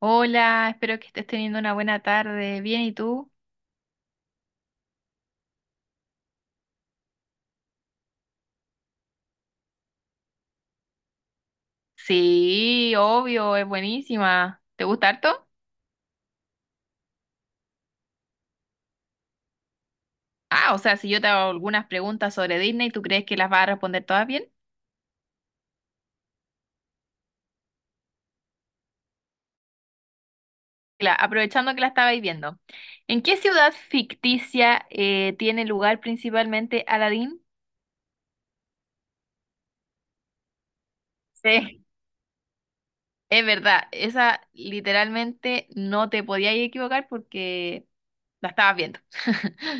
Hola, espero que estés teniendo una buena tarde. Bien, ¿y tú? Sí, obvio, es buenísima. ¿Te gusta harto? Ah, o sea, si yo te hago algunas preguntas sobre Disney, ¿tú crees que las vas a responder todas bien? Aprovechando que la estabais viendo. ¿En qué ciudad ficticia tiene lugar principalmente Aladdin? Sí. Es verdad, esa literalmente no te podías equivocar porque la estabas viendo.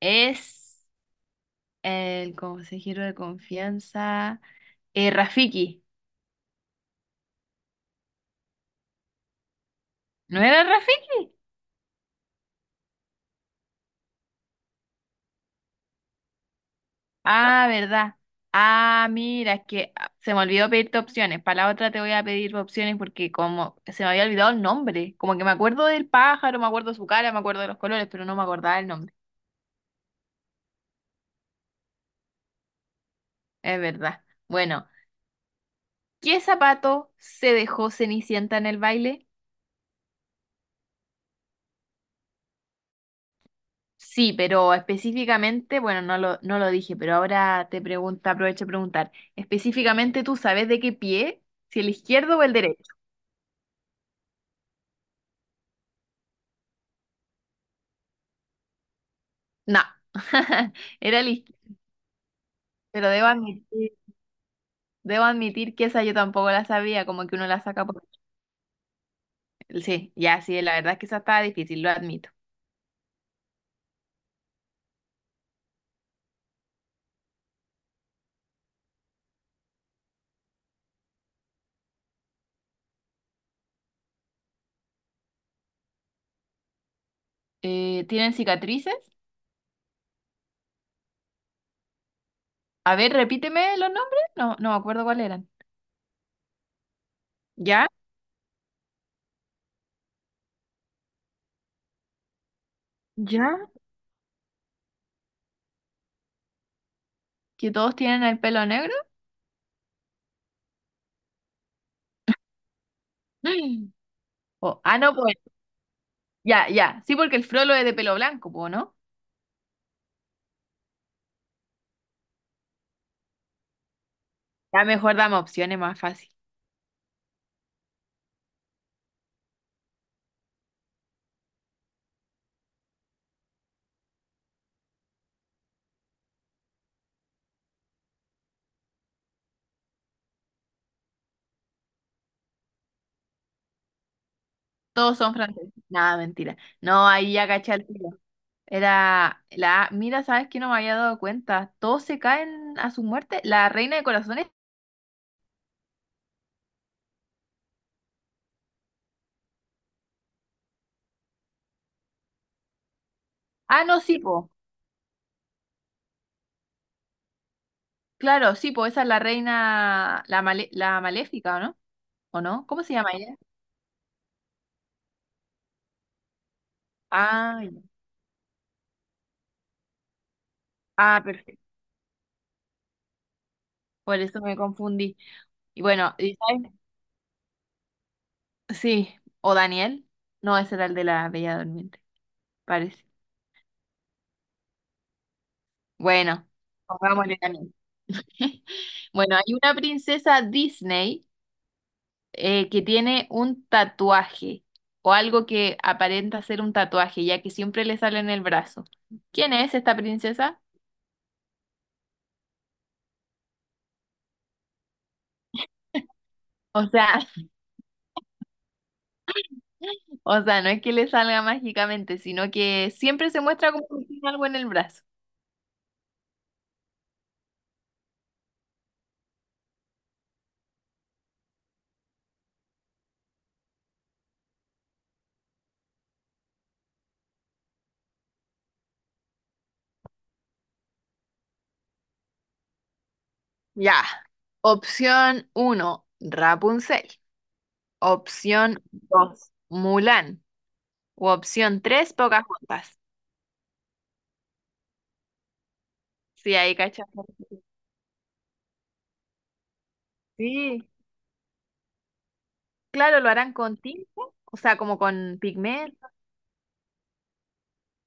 Es el consejero de confianza. Rafiki. ¿No era Rafiki? Ah, verdad. Ah, mira, es que se me olvidó pedirte opciones. Para la otra te voy a pedir opciones porque como se me había olvidado el nombre. Como que me acuerdo del pájaro, me acuerdo su cara, me acuerdo de los colores, pero no me acordaba el nombre. Es verdad. Bueno, ¿qué zapato se dejó Cenicienta en el baile? Sí, pero específicamente, bueno, no lo dije, pero ahora te pregunta, aprovecho a preguntar. Específicamente, ¿tú sabes de qué pie? ¿Si el izquierdo o el derecho? No, era lista, pero debo admitir que esa yo tampoco la sabía, como que uno la saca por. Sí, ya sí, la verdad es que esa estaba difícil, lo admito. ¿Tienen cicatrices? A ver, repíteme los nombres. No, no me acuerdo cuáles eran. ¿Ya? ¿Ya? ¿Que todos tienen el pelo negro? Mm. No, pues ya, ya. Sí, porque el Frollo es de pelo blanco, po, ¿no? Ya mejor dame opciones más fácil. Todos son franceses. Nada, mentira. No, ahí ya caché al tiro. Mira, ¿sabes que no me había dado cuenta? Todos se caen a su muerte. La reina de corazones. Ah, no, sí, po. Claro, sí, po. Esa es la reina, la maléfica, ¿o no? ¿O no? ¿Cómo se llama ella? Ah, ya. Ah, perfecto. Por eso me confundí. Y bueno, ¿y sabes? Sí. ¿O Daniel? No, ese era el de la Bella Durmiente, parece. Bueno, pongámosle Daniel. Bueno, hay una princesa Disney que tiene un tatuaje o algo que aparenta ser un tatuaje, ya que siempre le sale en el brazo. ¿Quién es esta princesa? O sea, o sea, no es que le salga mágicamente, sino que siempre se muestra como que tiene algo en el brazo. Ya. Opción uno, Rapunzel. Opción dos, Mulan. O opción tres, Pocahontas. Sí, ahí cachas. Sí, claro, lo harán con tinta, o sea, como con pigmento.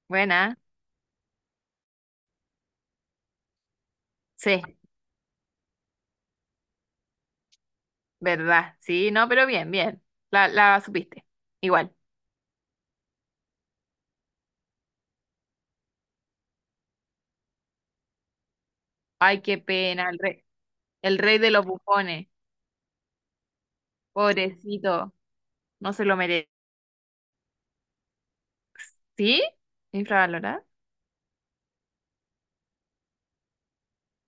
Buena. Sí, ¿verdad? Sí, no, pero bien, bien. La supiste. Igual. Ay, qué pena, el rey de los bufones. Pobrecito, no se lo merece. ¿Sí? ¿Infravalorado?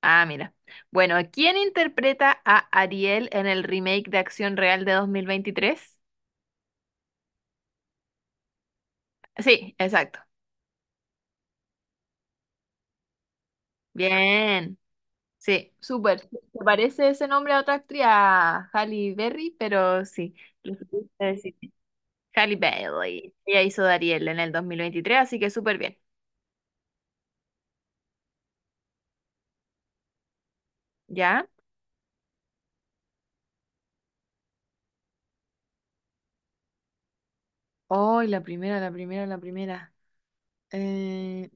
Ah, mira. Bueno, ¿quién interpreta a Ariel en el remake de Acción Real de 2023? Sí, exacto. Bien. Sí, súper. Se parece ese nombre a otra actriz, a Halle Berry, pero sí, lo supiste decir. Halle Bailey. Ella hizo de Ariel en el 2023, así que súper bien. ¿Ya? Ay, la primera. Eh,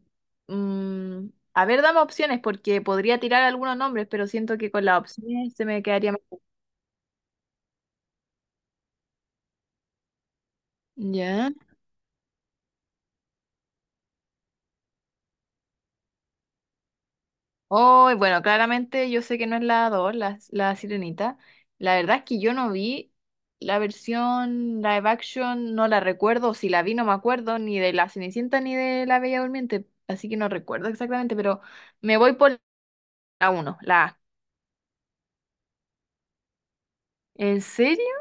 mm, a ver, dame opciones porque podría tirar algunos nombres, pero siento que con las opciones se me quedaría mejor. Ya. Ay, bueno, claramente yo sé que no es la 2, la Sirenita. La verdad es que yo no vi la versión live action, no la recuerdo. Si la vi, no me acuerdo ni de la Cenicienta ni de la Bella Durmiente. Así que no recuerdo exactamente, pero me voy por la uno. La A. ¿En serio?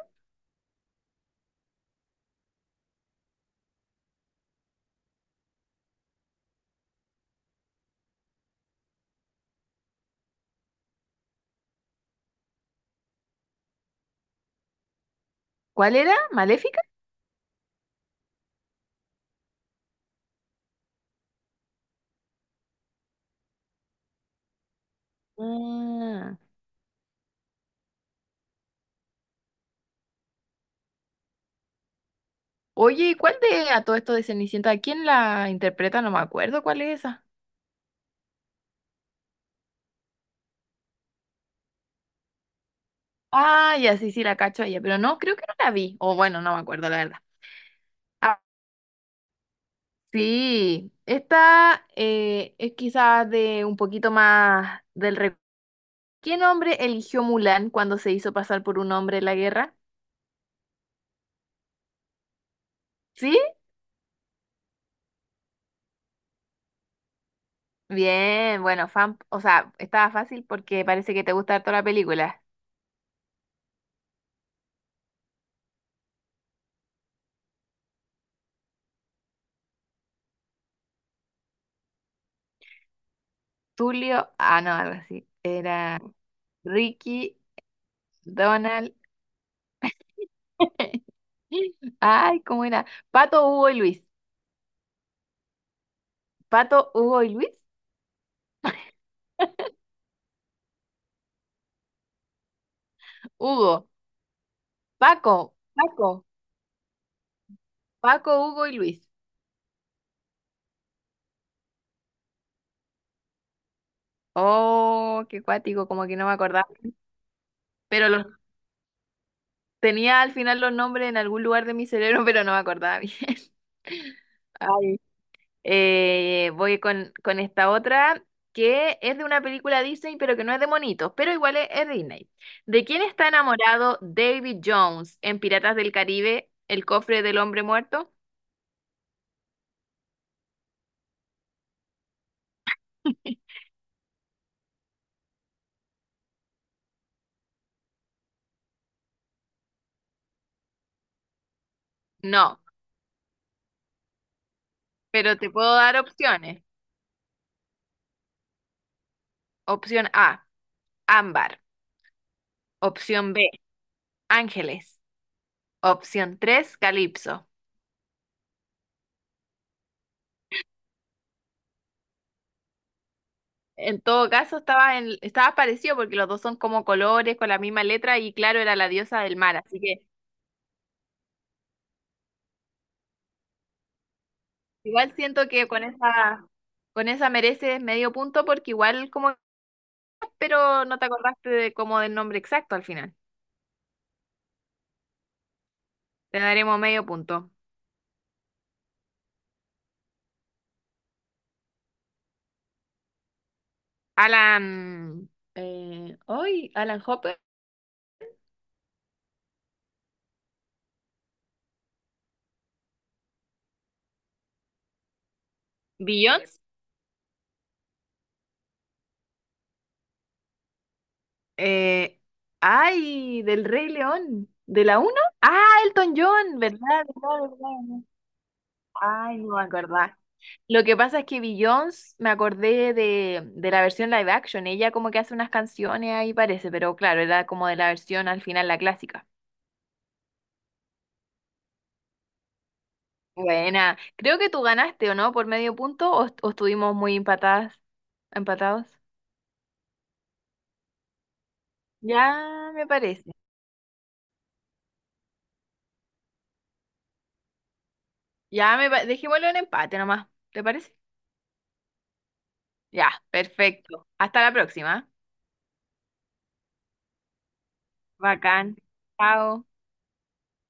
¿Cuál era? ¿Maléfica? Ah. Oye, ¿y cuál de a todo esto de Cenicienta? ¿Quién la interpreta? No me acuerdo cuál es esa. Ah, ya sí, sí, la cacho a ella, pero no, creo que no la vi. O bueno, no me acuerdo, la verdad. Ah, sí, esta es quizás de un poquito más del recuerdo. ¿Qué nombre eligió Mulan cuando se hizo pasar por un hombre en la guerra? ¿Sí? Bien, bueno, fan, o sea, estaba fácil porque parece que te gusta toda la película. Tulio, no, algo así. Era Ricky, Donald. Ay, ¿cómo era? Pato, Hugo y Luis. Pato, Hugo y Luis. Hugo, Paco, Paco, Paco, Hugo y Luis. Oh, qué cuático, como que no me acordaba. Pero los tenía al final los nombres en algún lugar de mi cerebro, pero no me acordaba bien. Ay. Voy con esta otra que es de una película Disney, pero que no es de monitos, pero igual es Disney. ¿De quién está enamorado David Jones en Piratas del Caribe, el cofre del hombre muerto? No, pero te puedo dar opciones. Opción A, ámbar. Opción B, ángeles. Opción 3, calipso. En todo caso, estaba parecido porque los dos son como colores con la misma letra y claro, era la diosa del mar. Así que igual siento que con esa mereces medio punto porque igual como, pero no te acordaste de como del nombre exacto al final. Te daremos medio punto. Alan, Alan Hopper, Beyoncé. Eh, Ay, del Rey León, de la uno. Ah, Elton John, ¿verdad? ¿Verdad? ¿Verdad? Ay, no me acordaba. Lo que pasa es que Beyoncé, me acordé de la versión live action. Ella como que hace unas canciones ahí parece, pero claro, era como de la versión al final, la clásica. Buena. Creo que tú ganaste, ¿o no? Por medio punto, o estuvimos muy empatados. Ya me parece. Dejémoslo en empate nomás. ¿Te parece? Ya, perfecto. Hasta la próxima. Bacán. Chao.